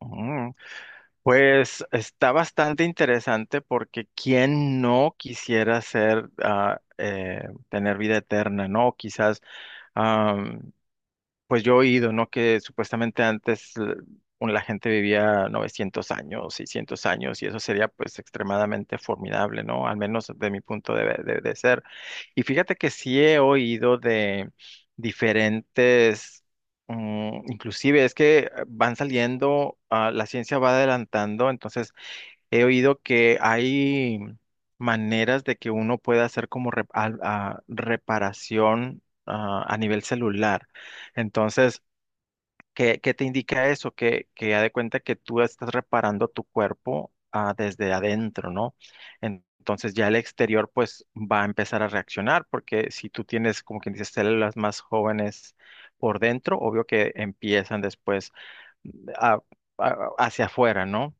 Mm. Pues está bastante interesante porque quién no quisiera tener vida eterna, ¿no? Quizás, pues yo he oído, ¿no? Que supuestamente antes la gente vivía 900 años, 600 años, y eso sería pues extremadamente formidable, ¿no? Al menos de mi punto de ser. Y fíjate que sí he oído de diferentes, inclusive es que van saliendo, la ciencia va adelantando. Entonces, he oído que hay maneras de que uno pueda hacer como reparación a nivel celular. Entonces, ¿qué te indica eso? Que haz de cuenta que tú estás reparando tu cuerpo desde adentro, ¿no? Entonces ya el exterior pues va a empezar a reaccionar porque si tú tienes, como quien dice, células más jóvenes por dentro, obvio que empiezan después mm, a- hacia afuera, ¿no?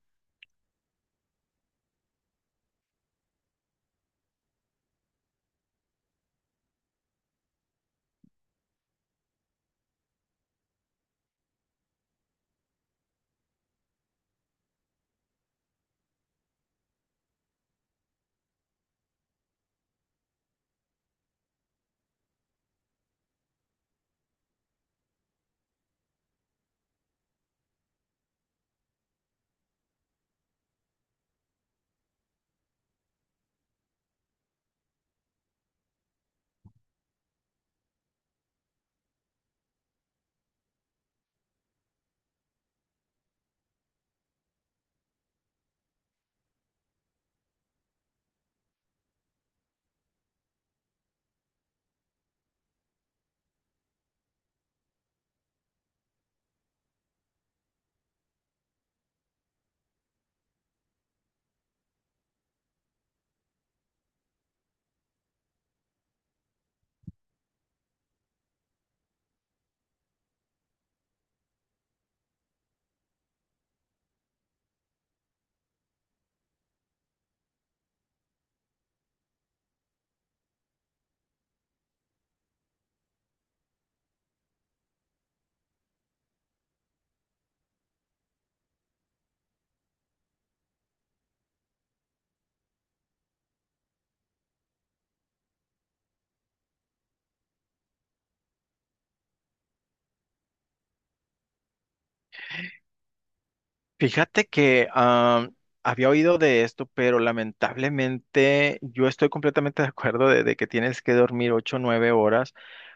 Fíjate que había oído de esto, pero lamentablemente yo estoy completamente de acuerdo de que tienes que dormir 8 o 9 horas.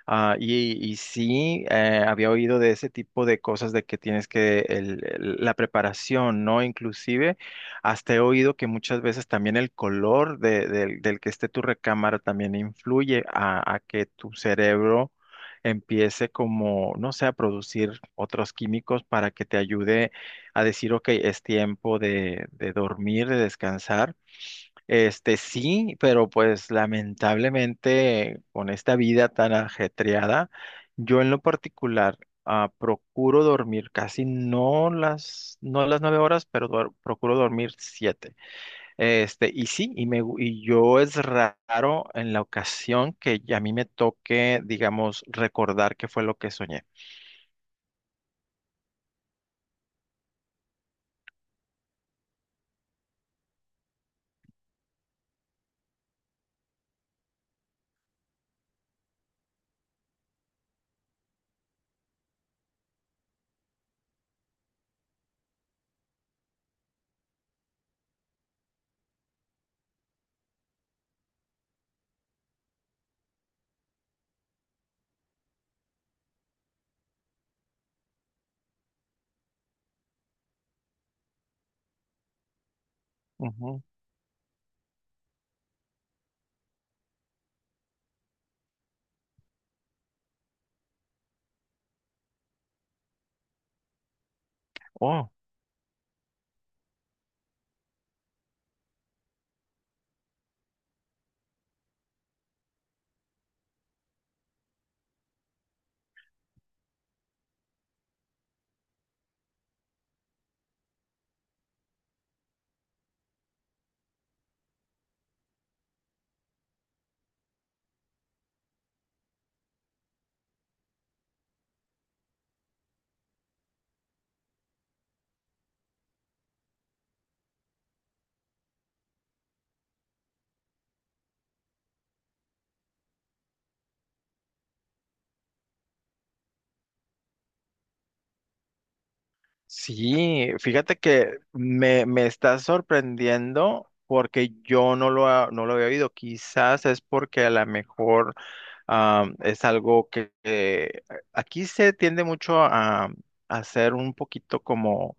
Y sí, había oído de ese tipo de cosas de que tienes que la preparación, ¿no? Inclusive hasta he oído que muchas veces también el color del que esté tu recámara también influye a que tu cerebro empiece como, no sé, a producir otros químicos para que te ayude a decir, ok, es tiempo de dormir, de descansar. Este sí, pero pues lamentablemente con esta vida tan ajetreada, yo en lo particular procuro dormir casi no las 9 horas, pero procuro dormir siete. Este, y sí, y yo es raro en la ocasión que ya a mí me toque, digamos, recordar qué fue lo que soñé. Ujú. Sí, fíjate que me está sorprendiendo porque yo no lo había oído. Quizás es porque a lo mejor es algo que aquí se tiende mucho a ser un poquito como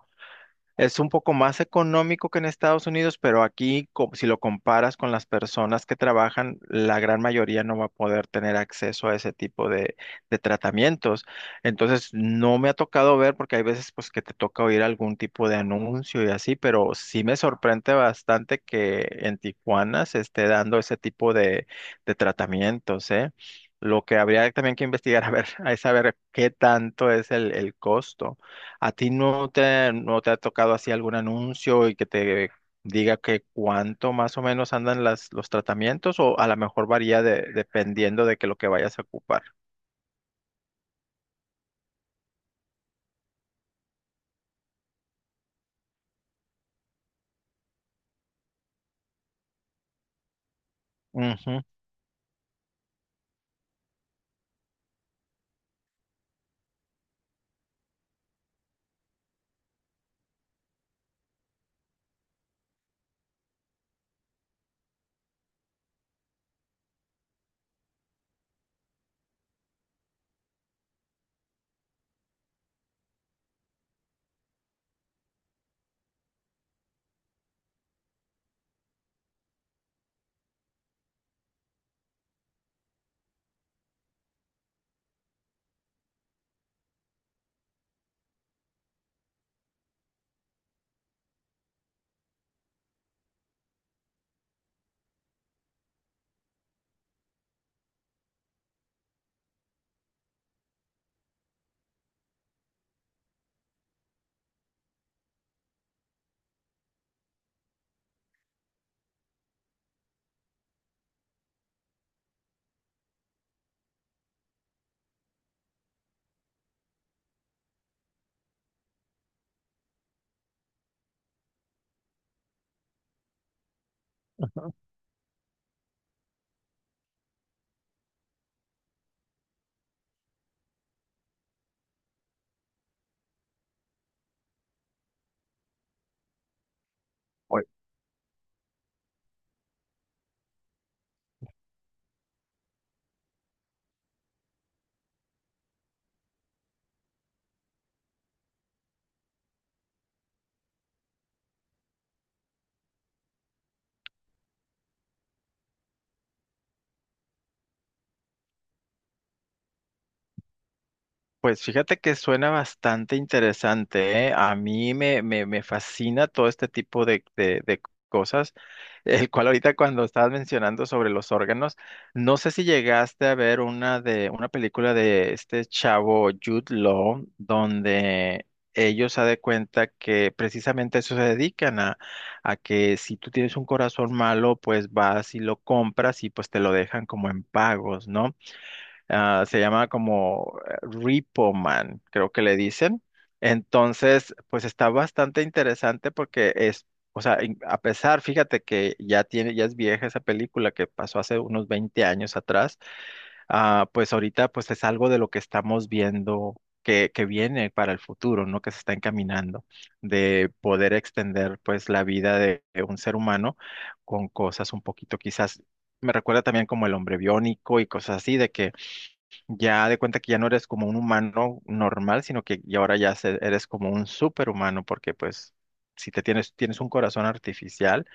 es un poco más económico que en Estados Unidos, pero aquí, si lo comparas con las personas que trabajan, la gran mayoría no va a poder tener acceso a ese tipo de tratamientos. Entonces, no me ha tocado ver, porque hay veces pues que te toca oír algún tipo de anuncio y así, pero sí me sorprende bastante que en Tijuana se esté dando ese tipo de tratamientos, ¿eh? Lo que habría también que investigar, a ver, es saber qué tanto es el costo. ¿A ti no te ha tocado así algún anuncio y que te diga que cuánto más o menos andan las, los tratamientos, o a lo mejor varía dependiendo de que lo que vayas a ocupar? Ujú. Ujú. Pues fíjate que suena bastante interesante, ¿eh? A mí me fascina todo este tipo de cosas, el cual ahorita cuando estabas mencionando sobre los órganos, no sé si llegaste a ver una película de este chavo Jude Law, donde ellos se de cuenta que precisamente a eso se dedican a que si tú tienes un corazón malo, pues vas y lo compras y pues te lo dejan como en pagos, ¿no? Se llama como Repo Man, creo que le dicen. Entonces, pues está bastante interesante porque es, o sea, a pesar, fíjate que ya tiene, ya es vieja esa película que pasó hace unos 20 años atrás, pues ahorita pues es algo de lo que estamos viendo que viene para el futuro, ¿no? Que se está encaminando de poder extender pues la vida de un ser humano con cosas un poquito quizás, me recuerda también como el hombre biónico y cosas así, de que ya de cuenta que ya no eres como un humano normal, sino que y ahora ya eres como un superhumano, porque pues si tienes un corazón artificial,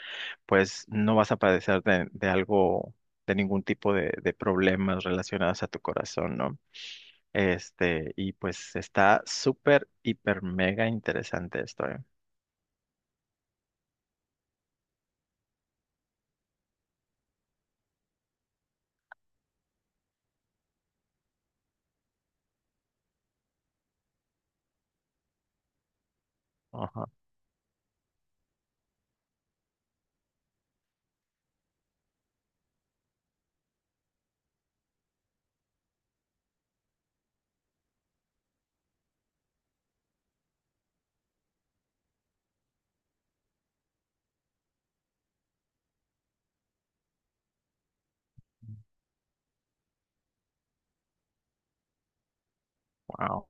pues no vas a padecer de algo, de ningún tipo de problemas relacionados a tu corazón, ¿no? Este, y pues está súper, hiper, mega interesante esto, ¿eh? Ajá. Wow.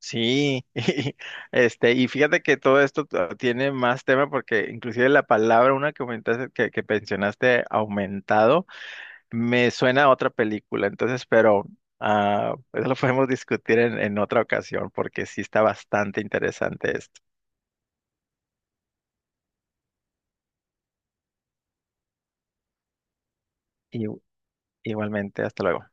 Sí, y fíjate que todo esto tiene más tema porque inclusive la palabra, una que comentaste, que mencionaste, aumentado, me suena a otra película, entonces, pero eso lo podemos discutir en otra ocasión porque sí está bastante interesante esto. Y, igualmente, hasta luego.